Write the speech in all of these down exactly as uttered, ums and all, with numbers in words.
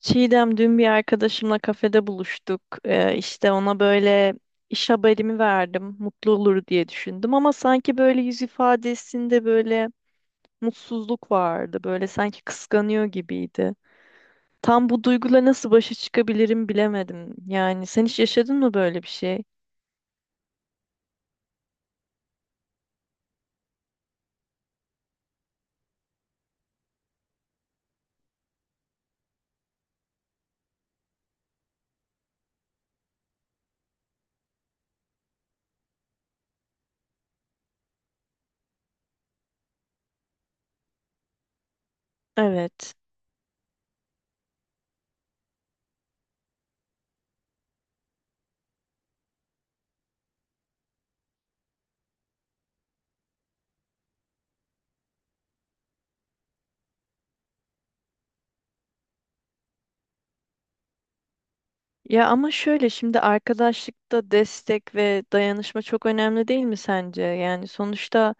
Çiğdem dün bir arkadaşımla kafede buluştuk. Ee, işte ona böyle iş haberimi verdim. Mutlu olur diye düşündüm ama sanki böyle yüz ifadesinde böyle mutsuzluk vardı. Böyle sanki kıskanıyor gibiydi. Tam bu duyguyla nasıl başa çıkabilirim bilemedim. Yani sen hiç yaşadın mı böyle bir şey? Evet. Ya ama şöyle şimdi arkadaşlıkta destek ve dayanışma çok önemli değil mi sence? Yani sonuçta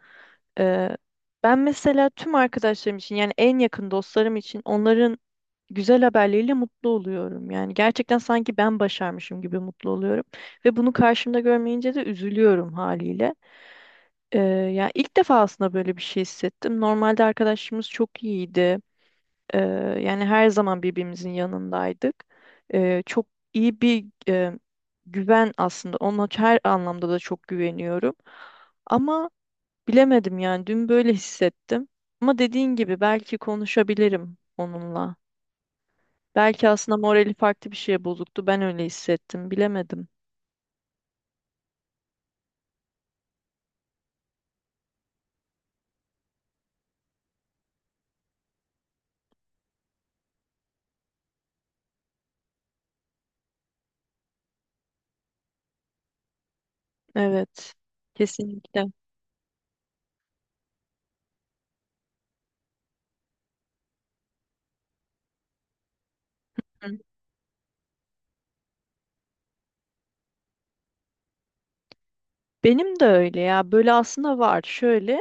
e, ben mesela tüm arkadaşlarım için yani en yakın dostlarım için onların güzel haberleriyle mutlu oluyorum. Yani gerçekten sanki ben başarmışım gibi mutlu oluyorum ve bunu karşımda görmeyince de üzülüyorum haliyle. E, Ya ilk defa aslında böyle bir şey hissettim. Normalde arkadaşımız çok iyiydi. Ee, Yani her zaman birbirimizin yanındaydık. Ee, çok iyi bir e, güven aslında. Ona her anlamda da çok güveniyorum. Ama bilemedim yani dün böyle hissettim. Ama dediğin gibi belki konuşabilirim onunla. Belki aslında morali farklı bir şeye bozuktu. Ben öyle hissettim. Bilemedim. Evet. Kesinlikle. Hı. Benim de öyle ya. Böyle aslında var. Şöyle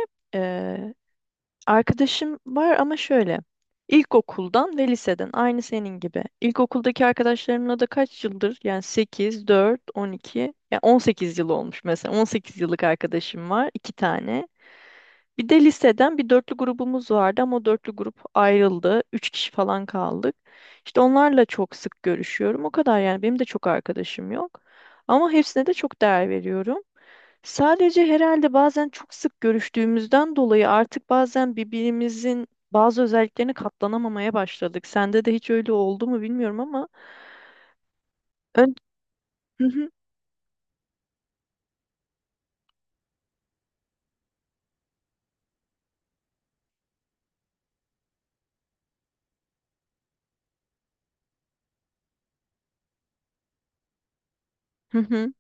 arkadaşım var ama şöyle. İlkokuldan ve liseden aynı senin gibi. İlkokuldaki arkadaşlarımla da kaç yıldır? Yani sekiz, dört, on iki, yani on sekiz yıl olmuş mesela. On sekiz yıllık arkadaşım var, iki tane. Bir de liseden bir dörtlü grubumuz vardı ama o dörtlü grup ayrıldı. Üç kişi falan kaldık. İşte onlarla çok sık görüşüyorum. O kadar yani benim de çok arkadaşım yok. Ama hepsine de çok değer veriyorum. Sadece herhalde bazen çok sık görüştüğümüzden dolayı artık bazen birbirimizin bazı özelliklerini katlanamamaya başladık. Sende de hiç öyle oldu mu bilmiyorum ama ön... hı hı, hı hı.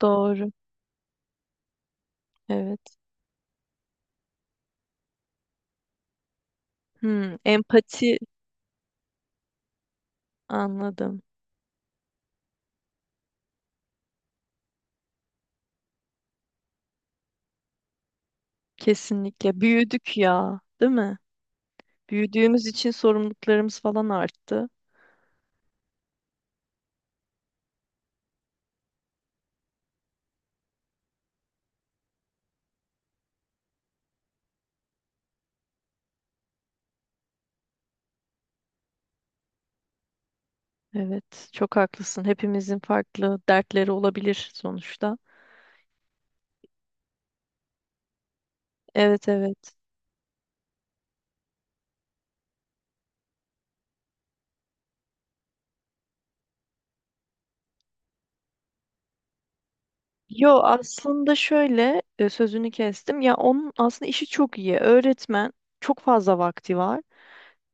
Doğru. Evet. Hmm, empati anladım. Kesinlikle. Büyüdük ya, değil mi? Büyüdüğümüz için sorumluluklarımız falan arttı. Evet, çok haklısın. Hepimizin farklı dertleri olabilir sonuçta. Evet, evet. Yo aslında şöyle e, sözünü kestim. Ya onun aslında işi çok iyi. Öğretmen çok fazla vakti var.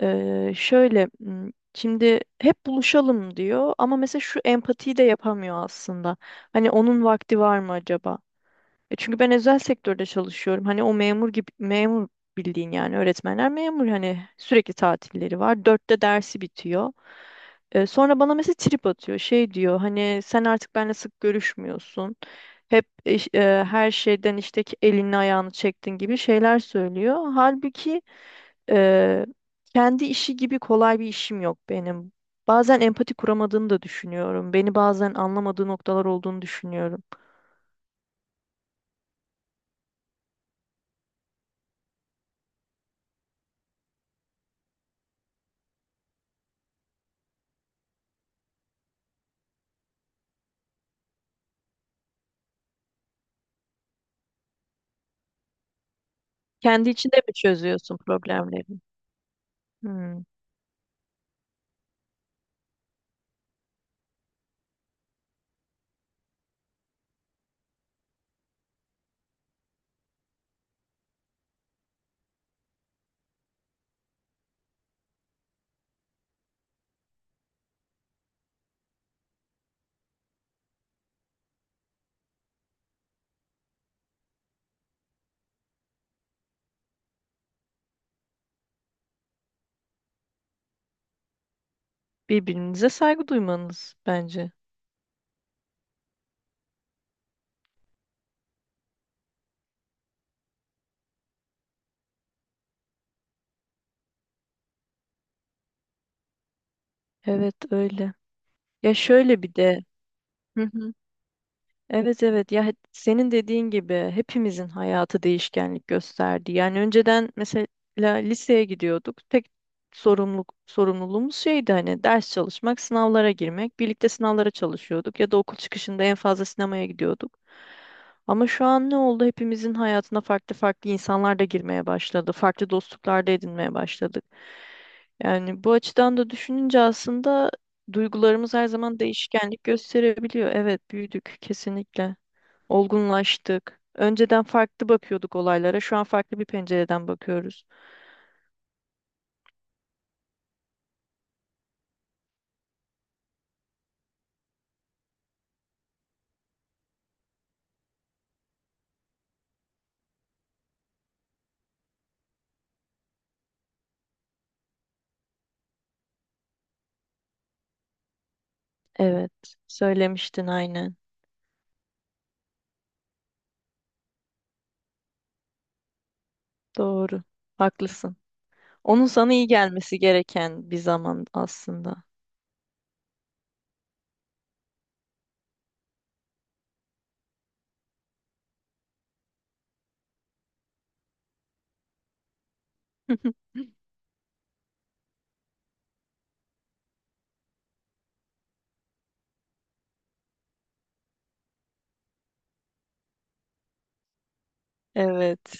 Ee, şöyle m, şimdi hep buluşalım diyor ama mesela şu empatiyi de yapamıyor aslında. Hani onun vakti var mı acaba? E çünkü ben özel sektörde çalışıyorum. Hani o memur gibi memur bildiğin yani öğretmenler memur hani sürekli tatilleri var. Dörtte dersi bitiyor. E, sonra bana mesela trip atıyor. Şey diyor hani sen artık benimle sık görüşmüyorsun. Hep iş- e, her şeyden işte ki elini ayağını çektin gibi şeyler söylüyor. Halbuki e, kendi işi gibi kolay bir işim yok benim. Bazen empati kuramadığını da düşünüyorum. Beni bazen anlamadığı noktalar olduğunu düşünüyorum. Kendi içinde mi çözüyorsun problemleri? Hmm. Birbirinize saygı duymanız bence. Evet öyle. Ya şöyle bir de. Hı hı. Evet evet ya het- senin dediğin gibi hepimizin hayatı değişkenlik gösterdi. Yani önceden mesela liseye gidiyorduk. Tek sorumluluk sorumluluğumuz şeydi hani ders çalışmak, sınavlara girmek. Birlikte sınavlara çalışıyorduk ya da okul çıkışında en fazla sinemaya gidiyorduk. Ama şu an ne oldu? Hepimizin hayatına farklı farklı insanlar da girmeye başladı. Farklı dostluklar da edinmeye başladık. Yani bu açıdan da düşününce aslında duygularımız her zaman değişkenlik gösterebiliyor. Evet, büyüdük kesinlikle. Olgunlaştık. Önceden farklı bakıyorduk olaylara. Şu an farklı bir pencereden bakıyoruz. Evet, söylemiştin aynen. Doğru. Haklısın. Onun sana iyi gelmesi gereken bir zaman aslında. Evet.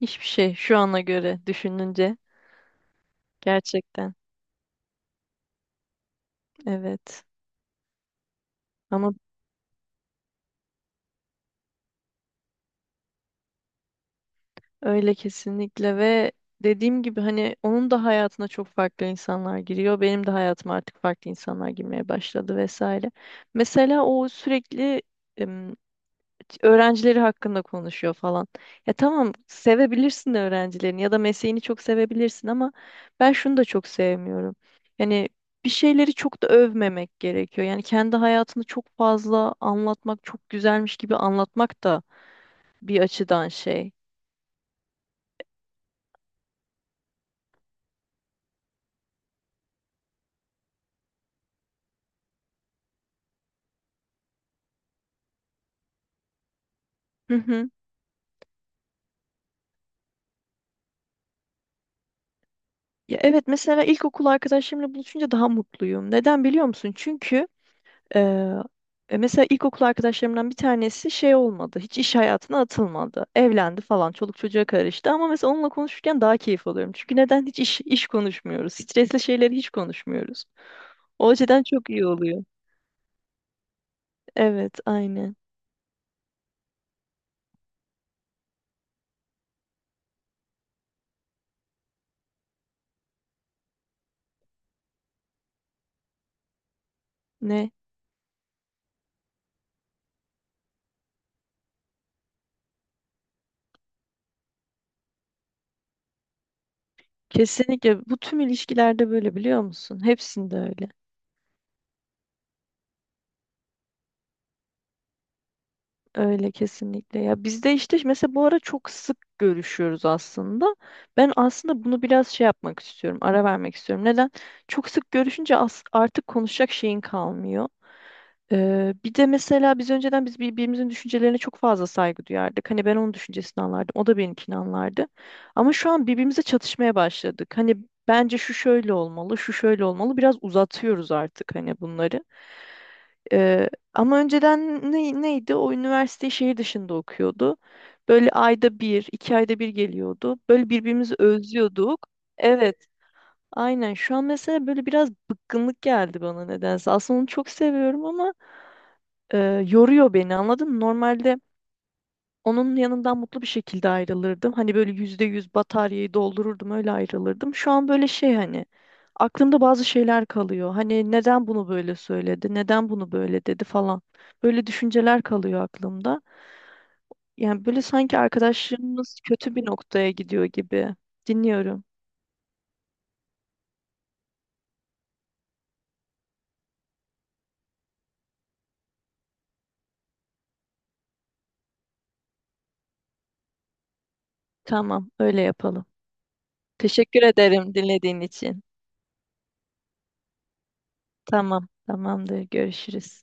Hiçbir şey şu ana göre düşününce gerçekten. Evet. Ama öyle kesinlikle ve dediğim gibi hani onun da hayatına çok farklı insanlar giriyor. Benim de hayatıma artık farklı insanlar girmeye başladı vesaire. Mesela o sürekli em, öğrencileri hakkında konuşuyor falan. Ya tamam sevebilirsin de öğrencilerini ya da mesleğini çok sevebilirsin ama ben şunu da çok sevmiyorum. Yani bir şeyleri çok da övmemek gerekiyor. Yani kendi hayatını çok fazla anlatmak, çok güzelmiş gibi anlatmak da bir açıdan şey. Hı hı. Ya evet mesela ilkokul arkadaşlarımla buluşunca daha mutluyum. Neden biliyor musun? Çünkü eee, e, mesela ilkokul arkadaşlarımdan bir tanesi şey olmadı. Hiç iş hayatına atılmadı. Evlendi falan. Çoluk çocuğa karıştı. Ama mesela onunla konuşurken daha keyif alıyorum. Çünkü neden hiç iş, iş konuşmuyoruz? Stresli şeyleri hiç konuşmuyoruz. O açıdan çok iyi oluyor. Evet, aynen. Ne? Kesinlikle bu tüm ilişkilerde böyle biliyor musun? Hepsinde öyle. Öyle kesinlikle. Ya biz de işte mesela bu ara çok sık görüşüyoruz aslında. Ben aslında bunu biraz şey yapmak istiyorum, ara vermek istiyorum. Neden? Çok sık görüşünce as- artık konuşacak şeyin kalmıyor. Ee, bir de mesela biz önceden biz birbirimizin düşüncelerine çok fazla saygı duyardık. Hani ben onun düşüncesini anlardım, o da benimkini anlardı. Ama şu an birbirimize çatışmaya başladık. Hani bence şu şöyle olmalı, şu şöyle olmalı. Biraz uzatıyoruz artık hani bunları. Ee, Ama önceden ne- neydi? O üniversiteyi şehir dışında okuyordu. Böyle ayda bir, iki ayda bir geliyordu. Böyle birbirimizi özlüyorduk. Evet, aynen. Şu an mesela böyle biraz bıkkınlık geldi bana nedense. Aslında onu çok seviyorum ama e, yoruyor beni anladın mı? Normalde onun yanından mutlu bir şekilde ayrılırdım. Hani böyle yüzde yüz bataryayı doldururdum öyle ayrılırdım. Şu an böyle şey hani aklımda bazı şeyler kalıyor. Hani neden bunu böyle söyledi, neden bunu böyle dedi falan. Böyle düşünceler kalıyor aklımda. Yani böyle sanki arkadaşlığımız kötü bir noktaya gidiyor gibi. Dinliyorum. Tamam, öyle yapalım. Teşekkür ederim dinlediğin için. Tamam, tamamdır. Görüşürüz.